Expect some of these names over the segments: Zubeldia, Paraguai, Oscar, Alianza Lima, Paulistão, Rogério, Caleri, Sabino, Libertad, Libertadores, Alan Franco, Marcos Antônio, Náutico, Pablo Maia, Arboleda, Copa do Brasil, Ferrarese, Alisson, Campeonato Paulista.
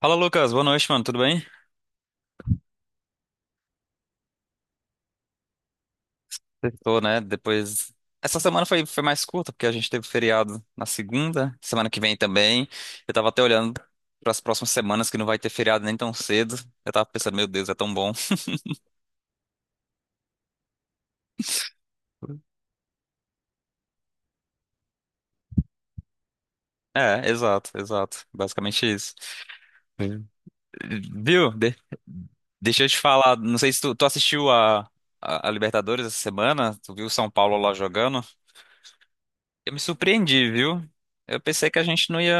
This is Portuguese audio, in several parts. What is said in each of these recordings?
Fala, Lucas. Boa noite, mano. Tudo bem? Tô, né? Depois. Essa semana foi mais curta, porque a gente teve feriado na segunda, semana que vem também. Eu tava até olhando para as próximas semanas que não vai ter feriado nem tão cedo. Eu tava pensando, meu Deus, é tão bom. É, exato, exato. Basicamente isso. Sim. Viu? Deixa eu te falar. Não sei se tu assistiu a Libertadores essa semana. Tu viu o São Paulo lá jogando? Eu me surpreendi, viu? Eu pensei que a gente não ia.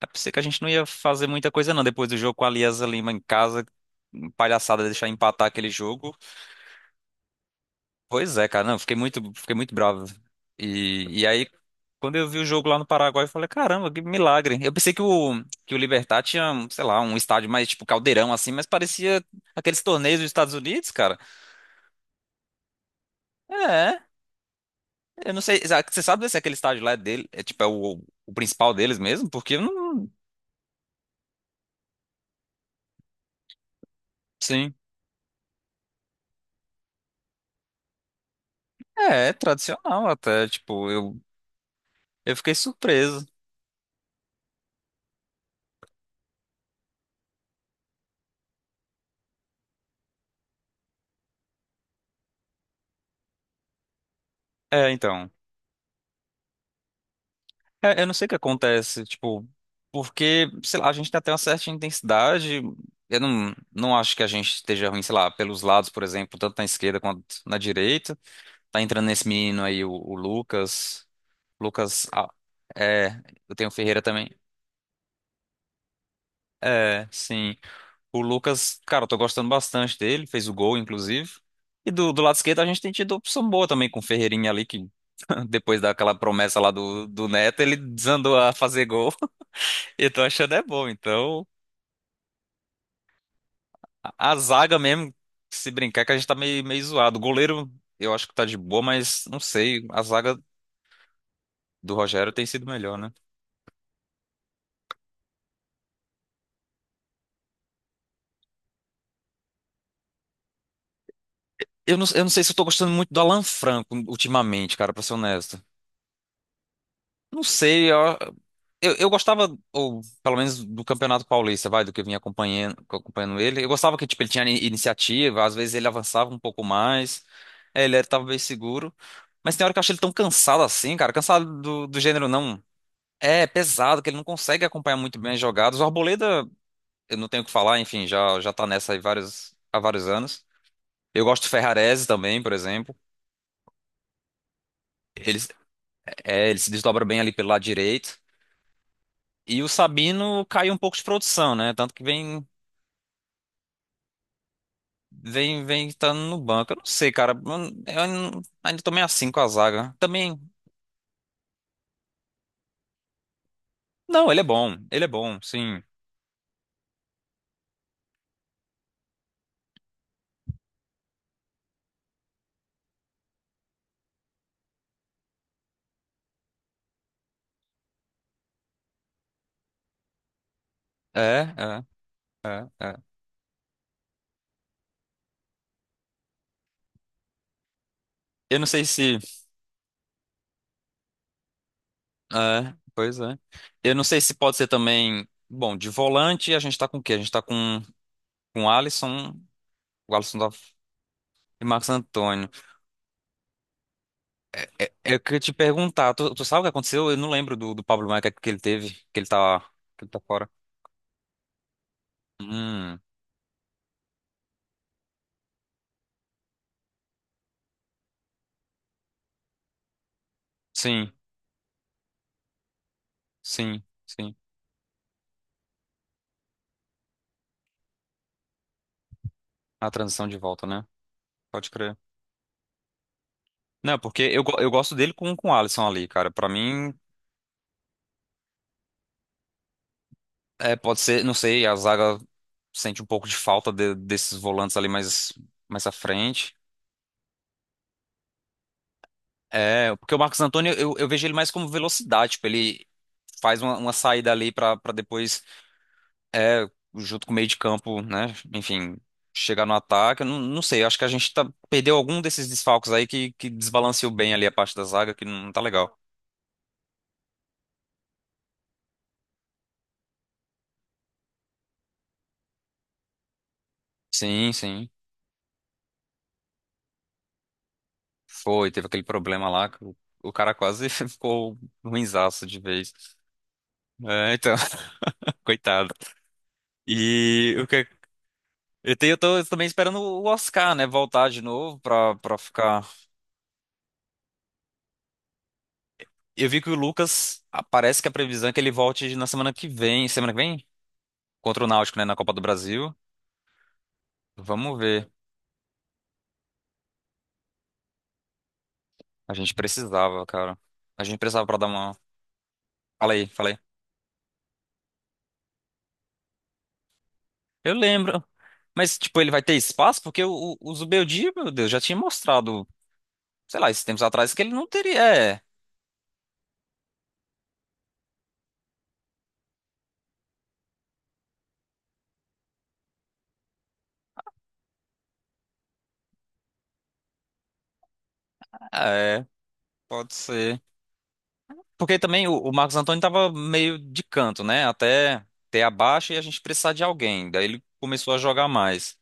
É por isso que a gente não ia fazer muita coisa, não. Depois do jogo com a Alianza Lima em casa, palhaçada deixar empatar aquele jogo. Pois é, cara, não, eu fiquei muito bravo. E aí, quando eu vi o jogo lá no Paraguai, eu falei, caramba, que milagre. Eu pensei que que o Libertad tinha, sei lá, um estádio mais tipo caldeirão assim, mas parecia aqueles torneios dos Estados Unidos, cara. É, eu não sei, você sabe se aquele estádio lá é dele, é tipo, é o principal deles mesmo? Porque eu não, sim. É tradicional até, tipo, eu fiquei surpreso. É, então. É, eu não sei o que acontece, tipo, porque, sei lá, a gente tem até uma certa intensidade. Eu não acho que a gente esteja ruim, sei lá, pelos lados, por exemplo, tanto na esquerda quanto na direita. Tá entrando nesse menino aí, o Lucas. Lucas. Ah, é, eu tenho o Ferreira também. É, sim. O Lucas, cara, eu tô gostando bastante dele, fez o gol, inclusive. E do lado esquerdo a gente tem tido opção boa também com o Ferreirinha ali, que depois daquela promessa lá do Neto, ele desandou a fazer gol. Eu tô achando é bom, então. A zaga mesmo, se brincar, que a gente tá meio zoado. O goleiro, eu acho que tá de boa, mas não sei. A zaga do Rogério tem sido melhor, né? Eu não sei se eu tô gostando muito do Alan Franco ultimamente, cara, pra ser honesto. Não sei, eu gostava, ou pelo menos do Campeonato Paulista, vai, do que eu vinha acompanhando ele. Eu gostava que, tipo, ele tinha iniciativa, às vezes ele avançava um pouco mais, é, ele tava bem seguro. Mas tem hora que eu achei ele tão cansado assim, cara. Cansado do gênero, não. É pesado, que ele não consegue acompanhar muito bem as jogadas. O Arboleda, eu não tenho o que falar, enfim, já tá nessa aí há vários anos. Eu gosto do Ferrarese também, por exemplo. Ele, ele se desdobra bem ali pelo lado direito. E o Sabino caiu um pouco de produção, né? Tanto que vem estando no banco. Eu não sei, cara. Eu ainda tô meio assim com a zaga. Também. Não, ele é bom. Ele é bom, sim. É, é, é, é. Eu não sei se. É, pois é. Eu não sei se pode ser também. Bom, de volante a gente tá com o quê? A gente tá com o Alisson, o Alisson da- e Marcos Antônio. Eu queria te perguntar, tu sabe o que aconteceu? Eu não lembro do Pablo Maia que ele teve, que ele tá fora. Hum, sim, sim, sim. A transição de volta, né? Pode crer. Não, porque eu gosto dele com o Alisson ali, cara. Pra mim, é, pode ser, não sei, a zaga sente um pouco de falta desses volantes ali mais, à frente. É, porque o Marcos Antônio, eu vejo ele mais como velocidade, tipo, ele faz uma saída ali pra depois, é, junto com o meio de campo, né, enfim, chegar no ataque, eu não sei, eu acho que perdeu algum desses desfalques aí que desbalanceou bem ali a parte da zaga, que não tá legal. Sim, sim, teve aquele problema lá, que o cara quase ficou ruinzaço de vez. É, então, coitado. E o que... Eu tô também esperando o Oscar, né, voltar de novo pra ficar. Eu vi que o Lucas, parece que a previsão é que ele volte na semana que vem. Semana que vem? Contra o Náutico, né? Na Copa do Brasil. Vamos ver. A gente precisava, cara. A gente precisava pra dar uma. Fala aí, fala aí. Eu lembro. Mas, tipo, ele vai ter espaço? Porque o Zubeldia, meu Deus, já tinha mostrado, sei lá, esses tempos atrás, que ele não teria. É, ah, é, pode ser. Porque também o Marcos Antônio tava meio de canto, né? Até ter a baixa e a gente precisar de alguém. Daí ele começou a jogar mais.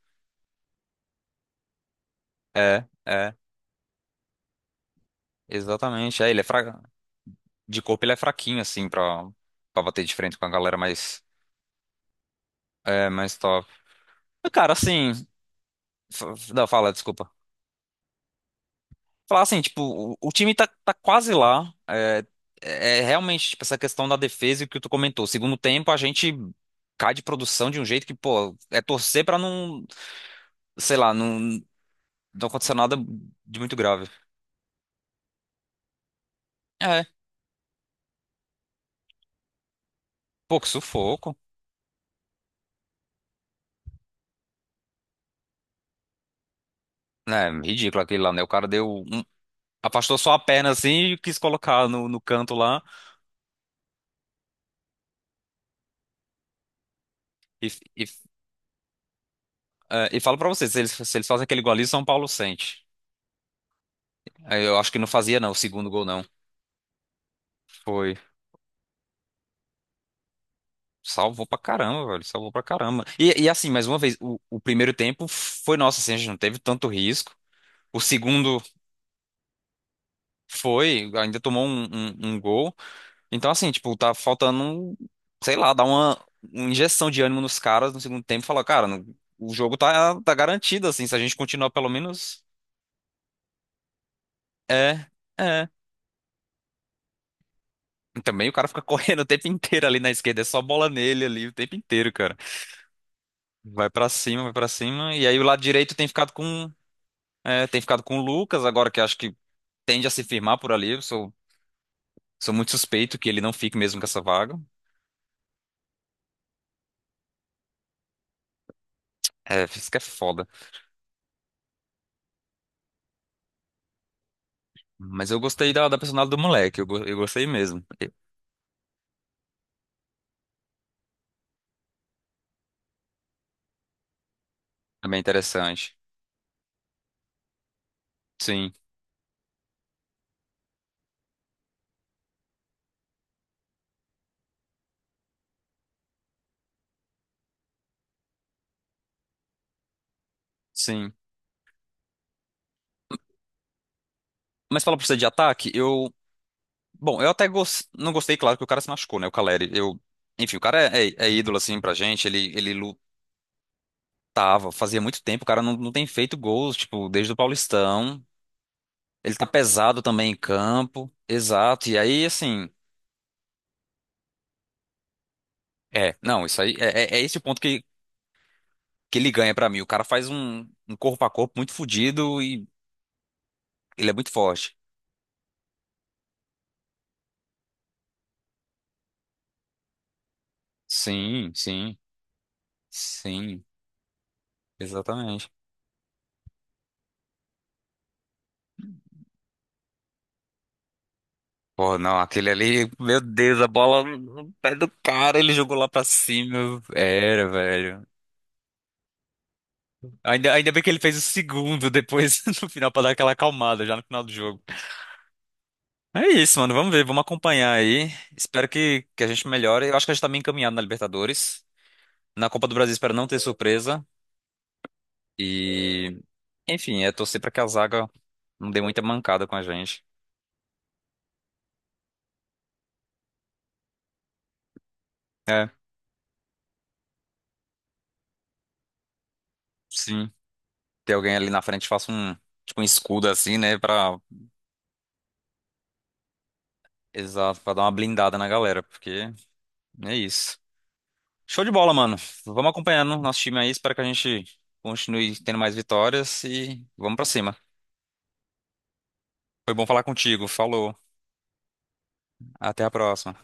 É, é. Exatamente. De corpo ele é fraquinho, assim, pra bater de frente com a galera mais, é, mais top. Mas, cara, assim. Não, fala, desculpa. Falar assim, tipo, o time tá, quase lá. É realmente, tipo, essa questão da defesa e o que tu comentou. Segundo tempo, a gente cai de produção de um jeito que, pô, é torcer pra não, sei lá, não, acontecer nada de muito grave. É, pô, que sufoco. É, ridículo aquele lá, né? O cara deu. Afastou só a perna assim e quis colocar no, canto lá. E, e, e falo pra vocês, se eles fazem aquele gol ali, São Paulo sente. Eu acho que não fazia, não, o segundo gol, não. Foi. Salvou pra caramba, velho. Salvou pra caramba. E assim, mais uma vez, o primeiro tempo foi nosso, assim, a gente não teve tanto risco. O segundo ainda tomou um gol. Então, assim, tipo, tá faltando, um- sei lá, dar uma injeção de ânimo nos caras no segundo tempo e falar, cara, o jogo tá garantido, assim, se a gente continuar pelo menos. É. É. Também o cara fica correndo o tempo inteiro ali na esquerda, é só bola nele ali o tempo inteiro, cara. Vai pra cima, vai pra cima. E aí o lado direito tem ficado tem ficado com o Lucas agora, que acho que tende a se firmar por ali. Eu sou muito suspeito que ele não fique mesmo com essa vaga. É, isso que é foda. Mas eu gostei da personalidade do moleque, eu gostei mesmo. É bem interessante. Sim, sim. Mas fala pra você de ataque, eu. Bom, eu até não gostei, claro, que o cara se machucou, né? O Caleri. Eu... Enfim, o cara é, é ídolo, assim, pra gente. Tava, fazia muito tempo, o cara não tem feito gols, tipo, desde o Paulistão. Ele tá pesado também em campo. Exato. E aí, assim, é, não, isso aí é, é esse o ponto que ele ganha pra mim. O cara faz um corpo a corpo muito fodido e ele é muito forte. Sim, sim, sim, exatamente. Pô, não, aquele ali, meu Deus, a bola no pé do cara, ele jogou lá pra cima. Era, velho. Ainda bem que ele fez o segundo depois no final pra dar aquela acalmada já no final do jogo. É isso, mano. Vamos ver, vamos acompanhar aí. Espero que a gente melhore. Eu acho que a gente tá bem encaminhado na Libertadores. Na Copa do Brasil, espero não ter surpresa. E, enfim, é torcer pra que a zaga não dê muita mancada com a gente. É, sim. Ter alguém ali na frente que faça um, tipo, um escudo assim, né? Exato, pra dar uma blindada na galera, porque é isso. Show de bola, mano. Vamos acompanhando nosso time aí. Espero que a gente continue tendo mais vitórias e vamos pra cima. Foi bom falar contigo. Falou. Até a próxima.